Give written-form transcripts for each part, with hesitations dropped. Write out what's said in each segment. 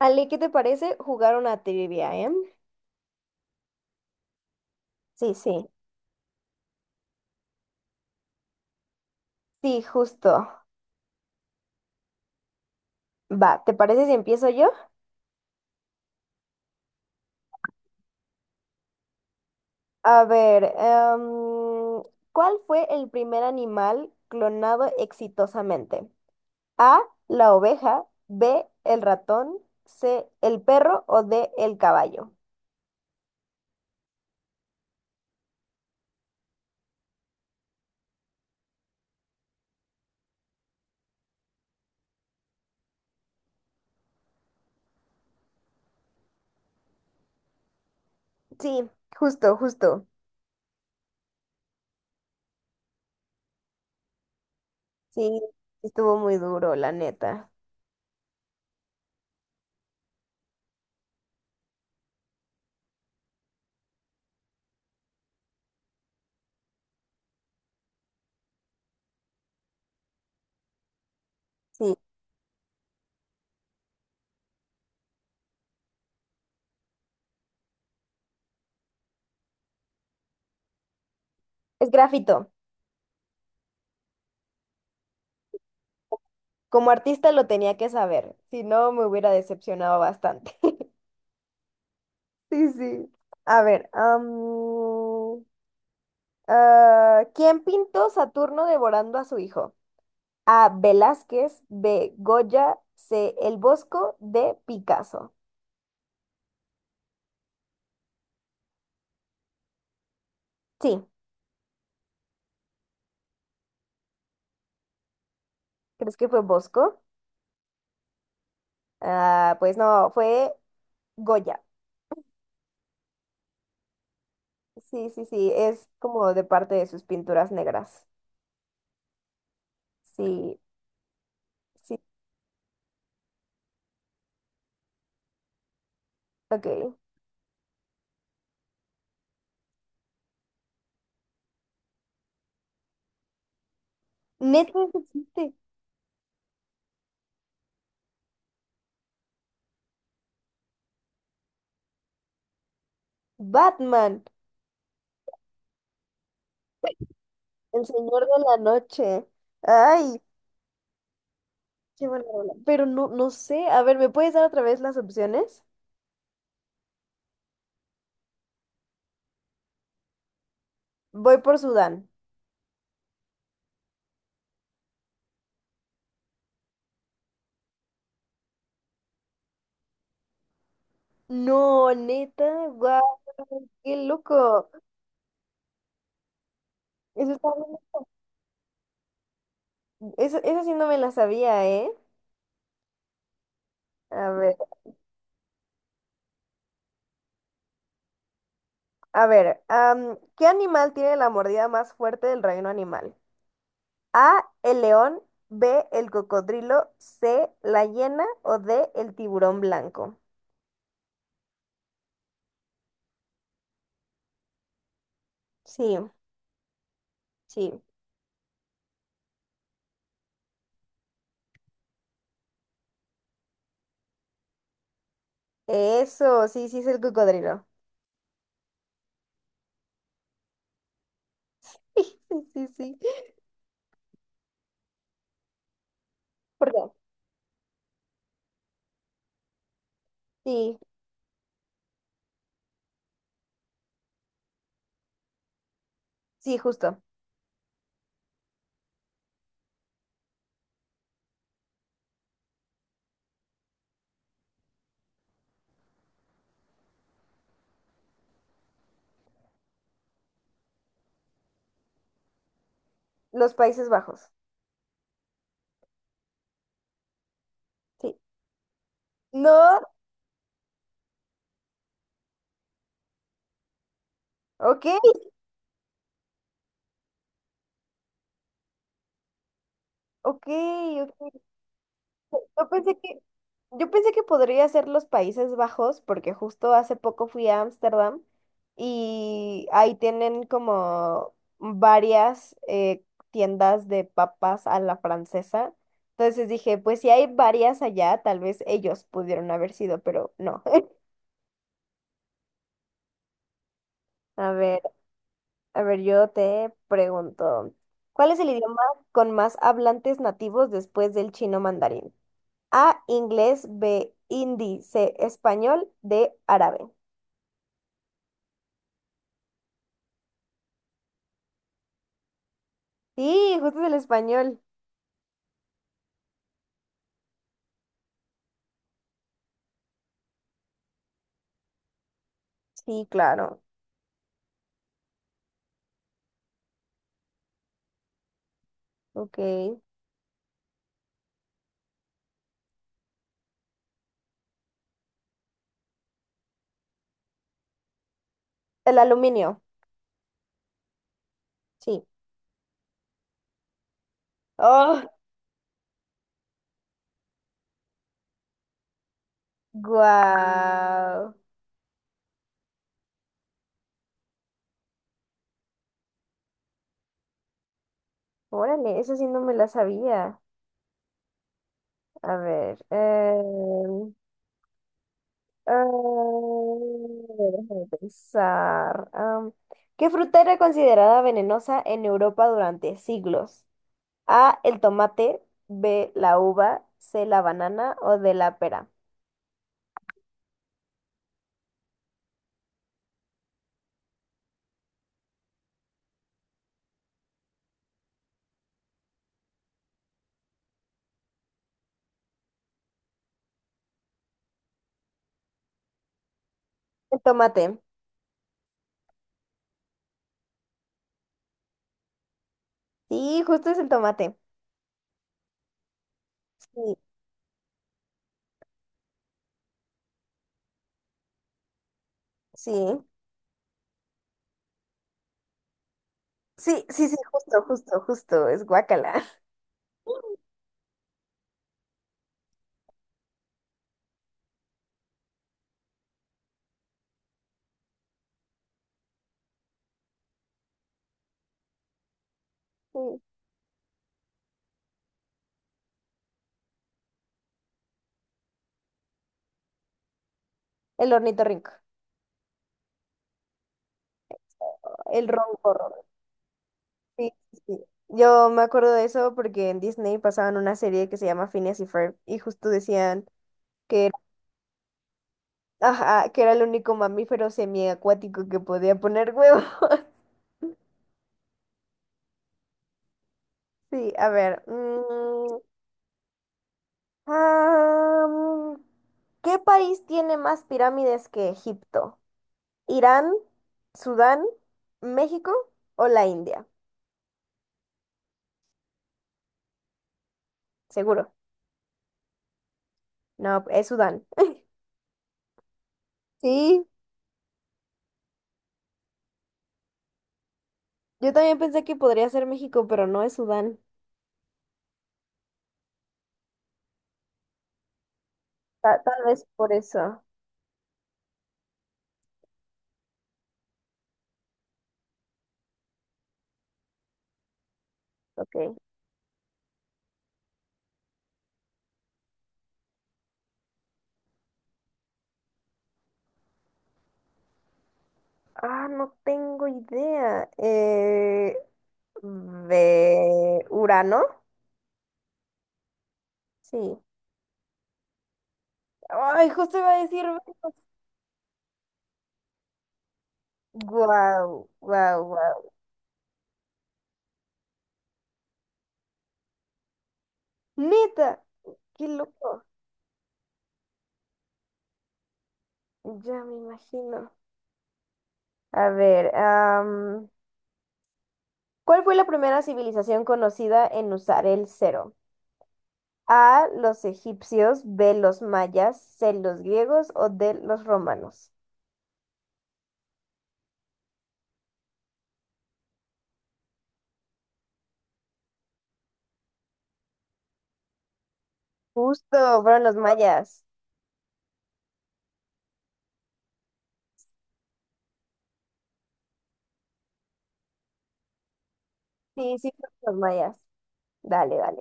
Ale, ¿qué te parece jugar una trivia, Sí, sí. Sí, justo. Va, ¿te parece si empiezo yo? A ver, ¿cuál fue el primer animal clonado exitosamente? A, la oveja, B, el ratón, C, el perro o D, el caballo. Sí, justo, justo. Sí, estuvo muy duro, la neta. Sí, es grafito. Como artista lo tenía que saber, si no me hubiera decepcionado bastante. Sí, sí. A ver, ¿quién pintó Saturno devorando a su hijo? A. Velázquez, B. Goya, C. El Bosco, D. Picasso. Sí, ¿crees que fue Bosco? Ah, pues no, fue Goya. Sí, sí, sí, es como de parte de sus pinturas negras. Sí, sí, ok. Neta, eso existe. Batman, el señor de la noche. Ay, qué buena rola. Pero no, no sé. A ver, ¿me puedes dar otra vez las opciones? Voy por Sudán. No, neta, guau, qué loco. Eso está bien. Eso sí no me la sabía, ¿eh? A ver, a ver, ¿qué animal tiene la mordida más fuerte del reino animal? A, el león, B, el cocodrilo, C, la hiena o D, el tiburón blanco. Sí, sí. Eso, sí, sí es el cocodrilo. Sí, sí, sí. ¿Por qué? Sí, sí, justo. Los Países Bajos. Sí. No, ok, ok, ok. Yo pensé que, yo pensé que podría ser los Países Bajos, porque justo hace poco fui a Ámsterdam y ahí tienen como varias tiendas de papas a la francesa. Entonces dije, pues si hay varias allá, tal vez ellos pudieron haber sido, pero no. A ver, a ver, yo te pregunto, ¿cuál es el idioma con más hablantes nativos después del chino mandarín? A, inglés, B, hindi, C, español, D, árabe. Sí, justo es el español. Sí, claro. Ok. El aluminio, sí. Oh, guau. Órale, eso sí no me la sabía. A ver. Em, déjame pensar. ¿Qué fruta era considerada venenosa en Europa durante siglos? A, el tomate, B, la uva, C, la banana o D, la pera. El tomate. Sí, justo es el tomate. Sí, sí. Sí, sí, sí, justo, justo, justo. Es guacala. Sí. El ornitorrinco. El roncorro. Sí, sí. Sí. Yo me acuerdo de eso porque en Disney pasaban una serie que se llama Phineas y Ferb y justo decían que era, ajá, que era el único mamífero semiacuático que podía poner huevo. Sí, a ver. Ah, mm, ¿Qué país tiene más pirámides que Egipto? Irán, Sudán, México o la India. Seguro. No, es Sudán. Sí, yo también pensé que podría ser México, pero no es Sudán. Ta- tal vez por eso. Ok. Ah, no tengo idea. ¿De Urano? Sí. Ay, justo iba a decir Venus. Guau, guau, guau. Neta, qué loco. Ya me imagino. A ver, ¿cuál fue la primera civilización conocida en usar el cero? A, los egipcios, B, los mayas, C, los griegos o D, los romanos. Justo, fueron los mayas. Sí, sí, fueron los mayas. Dale, dale.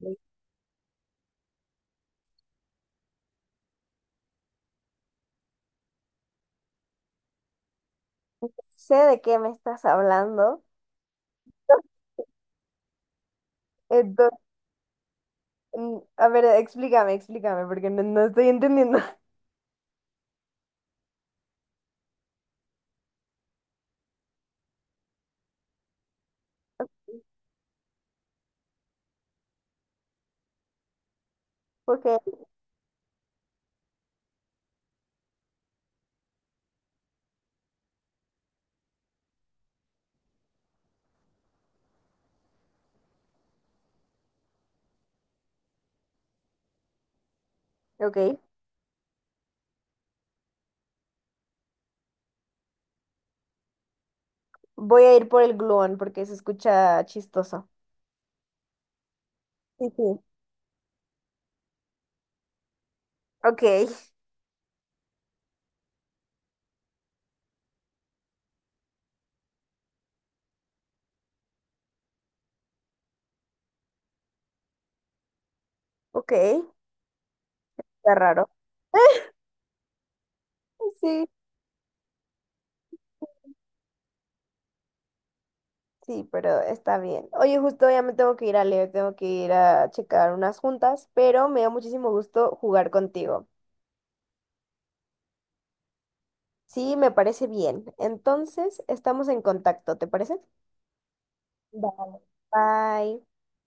No sé de qué me estás hablando. Entonces, a ver, explícame, porque no, no estoy entendiendo. Ok, ok. Voy a ir por el gluón porque se escucha chistoso. Sí, sí. Ok, ok. Está raro. Sí. Sí, pero está bien. Oye, justo ya me tengo que ir a leer, tengo que ir a checar unas juntas, pero me dio muchísimo gusto jugar contigo. Sí, me parece bien. Entonces, estamos en contacto, ¿te parece? Vale. Bye.